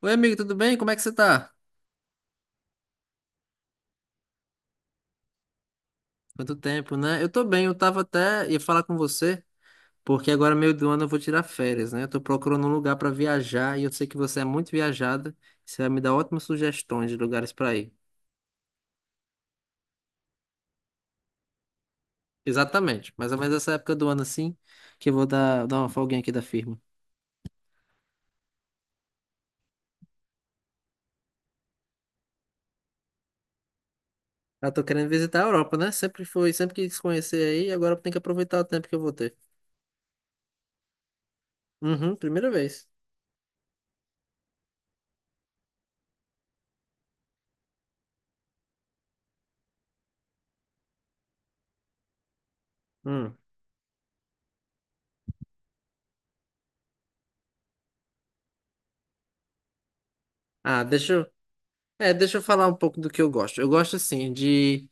Oi, amigo, tudo bem? Como é que você tá? Quanto tempo, né? Eu tô bem, eu tava até ia falar com você, porque agora meio do ano eu vou tirar férias, né? Eu tô procurando um lugar pra viajar e eu sei que você é muito viajada, você vai me dar ótimas sugestões de lugares pra ir. Exatamente, mais ou menos essa época do ano assim, que eu vou dar uma folguinha aqui da firma. Eu tô querendo visitar a Europa, né? Sempre quis conhecer aí, agora eu tenho que aproveitar o tempo que eu vou ter. Uhum, primeira vez. Hum. Ah, deixa eu. É, deixa eu falar um pouco do que eu gosto. Eu gosto, assim, de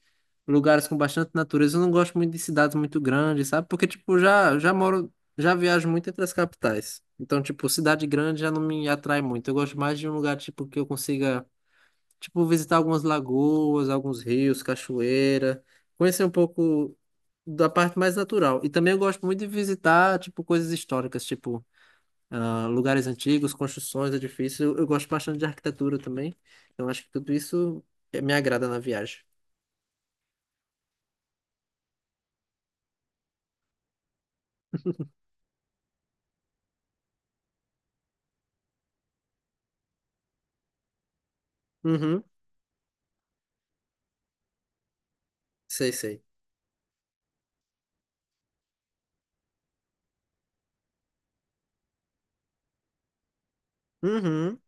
lugares com bastante natureza. Eu não gosto muito de cidades muito grandes, sabe? Porque, tipo, já moro, já viajo muito entre as capitais. Então, tipo, cidade grande já não me atrai muito. Eu gosto mais de um lugar, tipo, que eu consiga, tipo, visitar algumas lagoas, alguns rios, cachoeira. Conhecer um pouco da parte mais natural. E também eu gosto muito de visitar, tipo, coisas históricas, tipo ah, lugares antigos, construções, edifícios. Eu gosto bastante de arquitetura também. Então acho que tudo isso me agrada na viagem. Uhum, sei, sei. Uhum.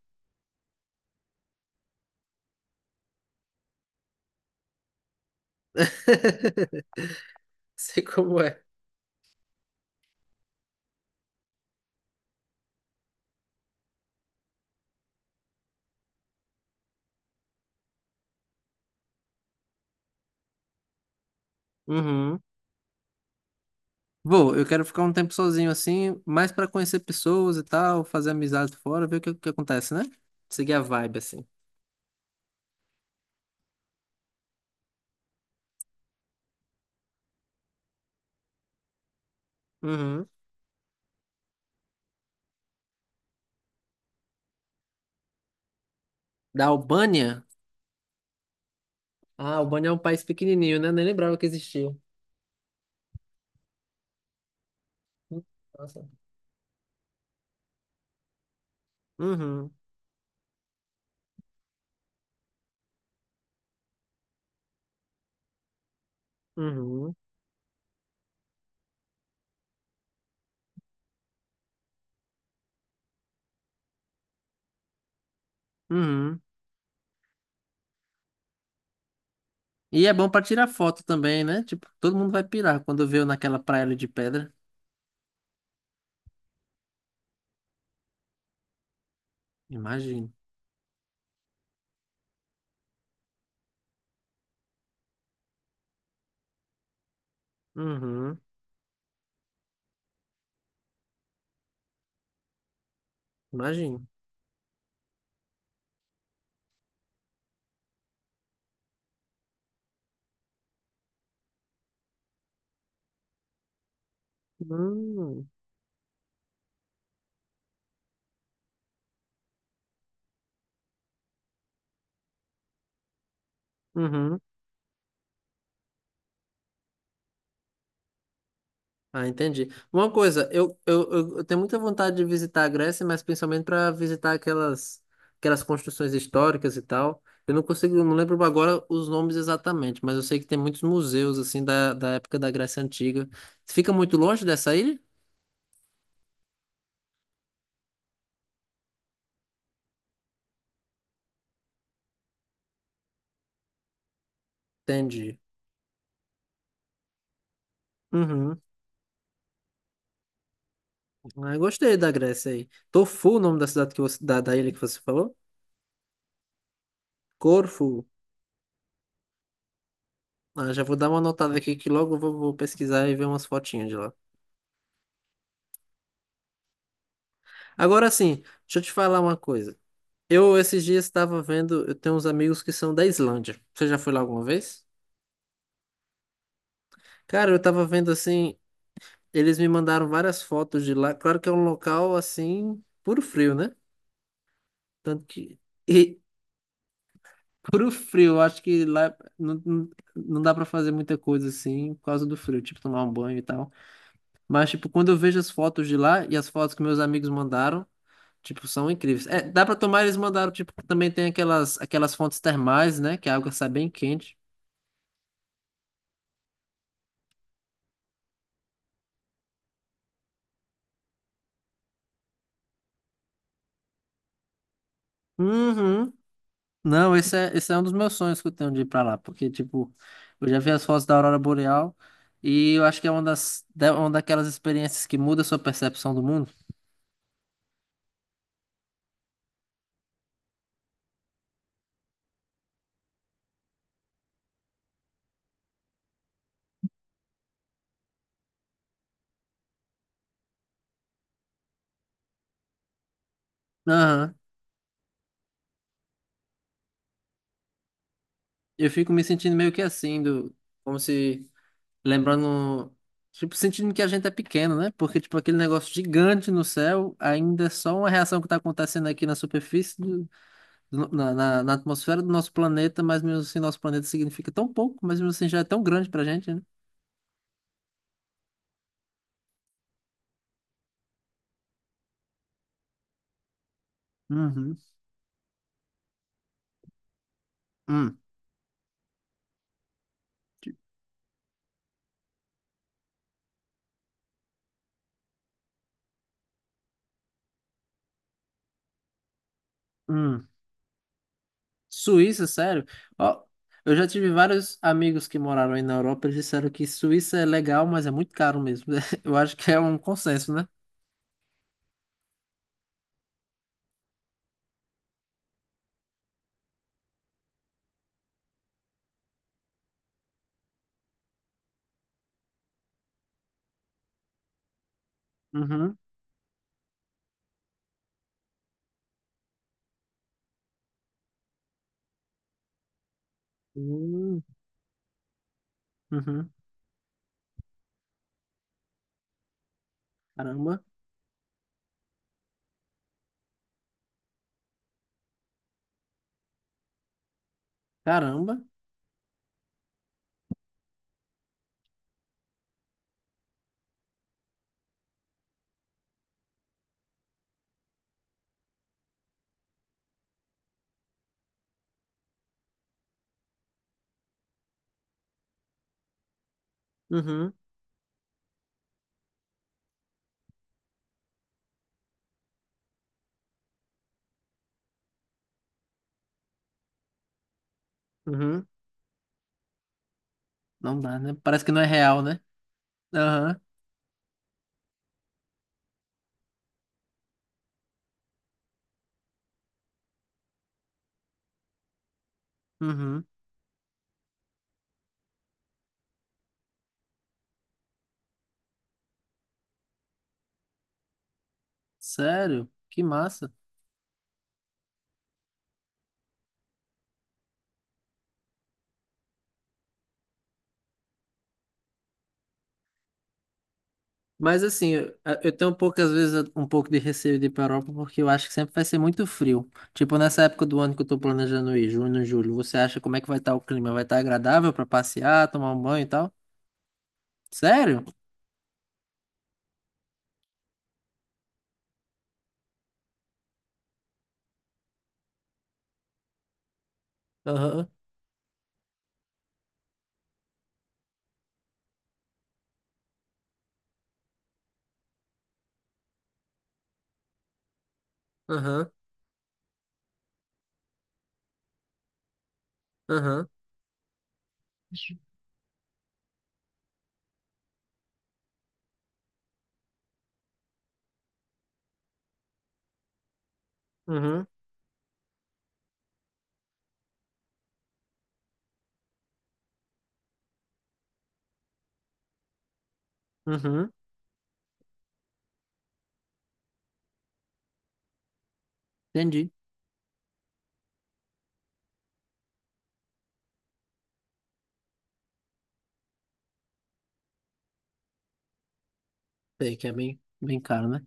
Sei como é. Uhum. Vou, eu quero ficar um tempo sozinho assim, mais para conhecer pessoas e tal, fazer amizades fora, ver o que acontece, né? Seguir a vibe assim. Uhum. Da Albânia? Ah, a Albânia é um país pequenininho, né? Nem lembrava que existia. Hum, Nossa. Uhum. Uhum. Uhum. E é bom pra tirar foto também, né? Tipo, todo mundo vai pirar quando vê eu naquela praia ali de pedra. Imagino. Uhum, imagino. Hum, uhum. Ah, entendi. Uma coisa, eu tenho muita vontade de visitar a Grécia, mas principalmente para visitar aquelas construções históricas e tal. Eu não lembro agora os nomes exatamente, mas eu sei que tem muitos museus assim da época da Grécia Antiga. Fica muito longe dessa ilha? Entendi. Uhum. Ah, eu gostei da Grécia aí. Tofu o nome da cidade que da ilha que você falou? Corfu. Ah, já vou dar uma notada aqui que logo vou pesquisar e ver umas fotinhas de lá. Agora sim, deixa eu te falar uma coisa. Eu esses dias estava vendo, eu tenho uns amigos que são da Islândia. Você já foi lá alguma vez? Cara, eu tava vendo assim, eles me mandaram várias fotos de lá. Claro que é um local assim, puro frio, né? Tanto que e puro frio, eu acho que lá não dá pra fazer muita coisa assim por causa do frio, tipo tomar um banho e tal. Mas, tipo, quando eu vejo as fotos de lá e as fotos que meus amigos mandaram, tipo, são incríveis. É, dá pra tomar, eles mandaram, tipo, que também tem aquelas fontes termais, né? Que a água sai bem quente. Uhum. Não, esse é um dos meus sonhos que eu tenho de ir pra lá, porque, tipo, eu já vi as fotos da Aurora Boreal e eu acho que é uma uma daquelas experiências que muda a sua percepção do mundo. Aham. Eu fico me sentindo meio que assim, do, como se Lembrando, tipo, sentindo que a gente é pequeno, né? Porque, tipo, aquele negócio gigante no céu ainda é só uma reação que tá acontecendo aqui na superfície, na atmosfera do nosso planeta, mas mesmo assim, nosso planeta significa tão pouco, mas mesmo assim já é tão grande pra gente, né? Uhum. Hum. Hum. Suíça, sério? Ó, eu já tive vários amigos que moraram aí na Europa, eles disseram que Suíça é legal, mas é muito caro mesmo. Eu acho que é um consenso, né? Uhum. Hum, uhum. Caramba, caramba. Uhum, uhum. Não dá, né? Parece que não é real, né? Aham, uhum. Sério? Que massa. Mas assim, eu tenho poucas vezes um pouco de receio de ir pra Europa porque eu acho que sempre vai ser muito frio. Tipo, nessa época do ano que eu tô planejando ir, junho, julho, você acha como é que vai estar o clima? Vai estar agradável para passear, tomar um banho e tal? Sério? Aham, aham, aham, uhum, uhum. Entendi. Sei que é bem, bem caro, né?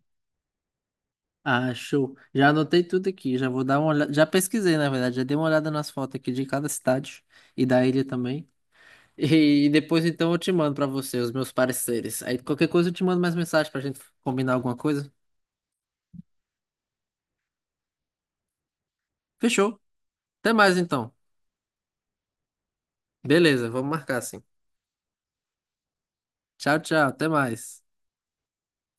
Ah, show. Já anotei tudo aqui, já vou dar uma olhada. Já pesquisei, na verdade, já dei uma olhada nas fotos aqui de cada cidade e da ilha também. E depois então eu te mando pra você os meus pareceres. Aí qualquer coisa eu te mando mais mensagem pra gente combinar alguma coisa. Fechou? Até mais então. Beleza, vamos marcar assim. Tchau, tchau, até mais.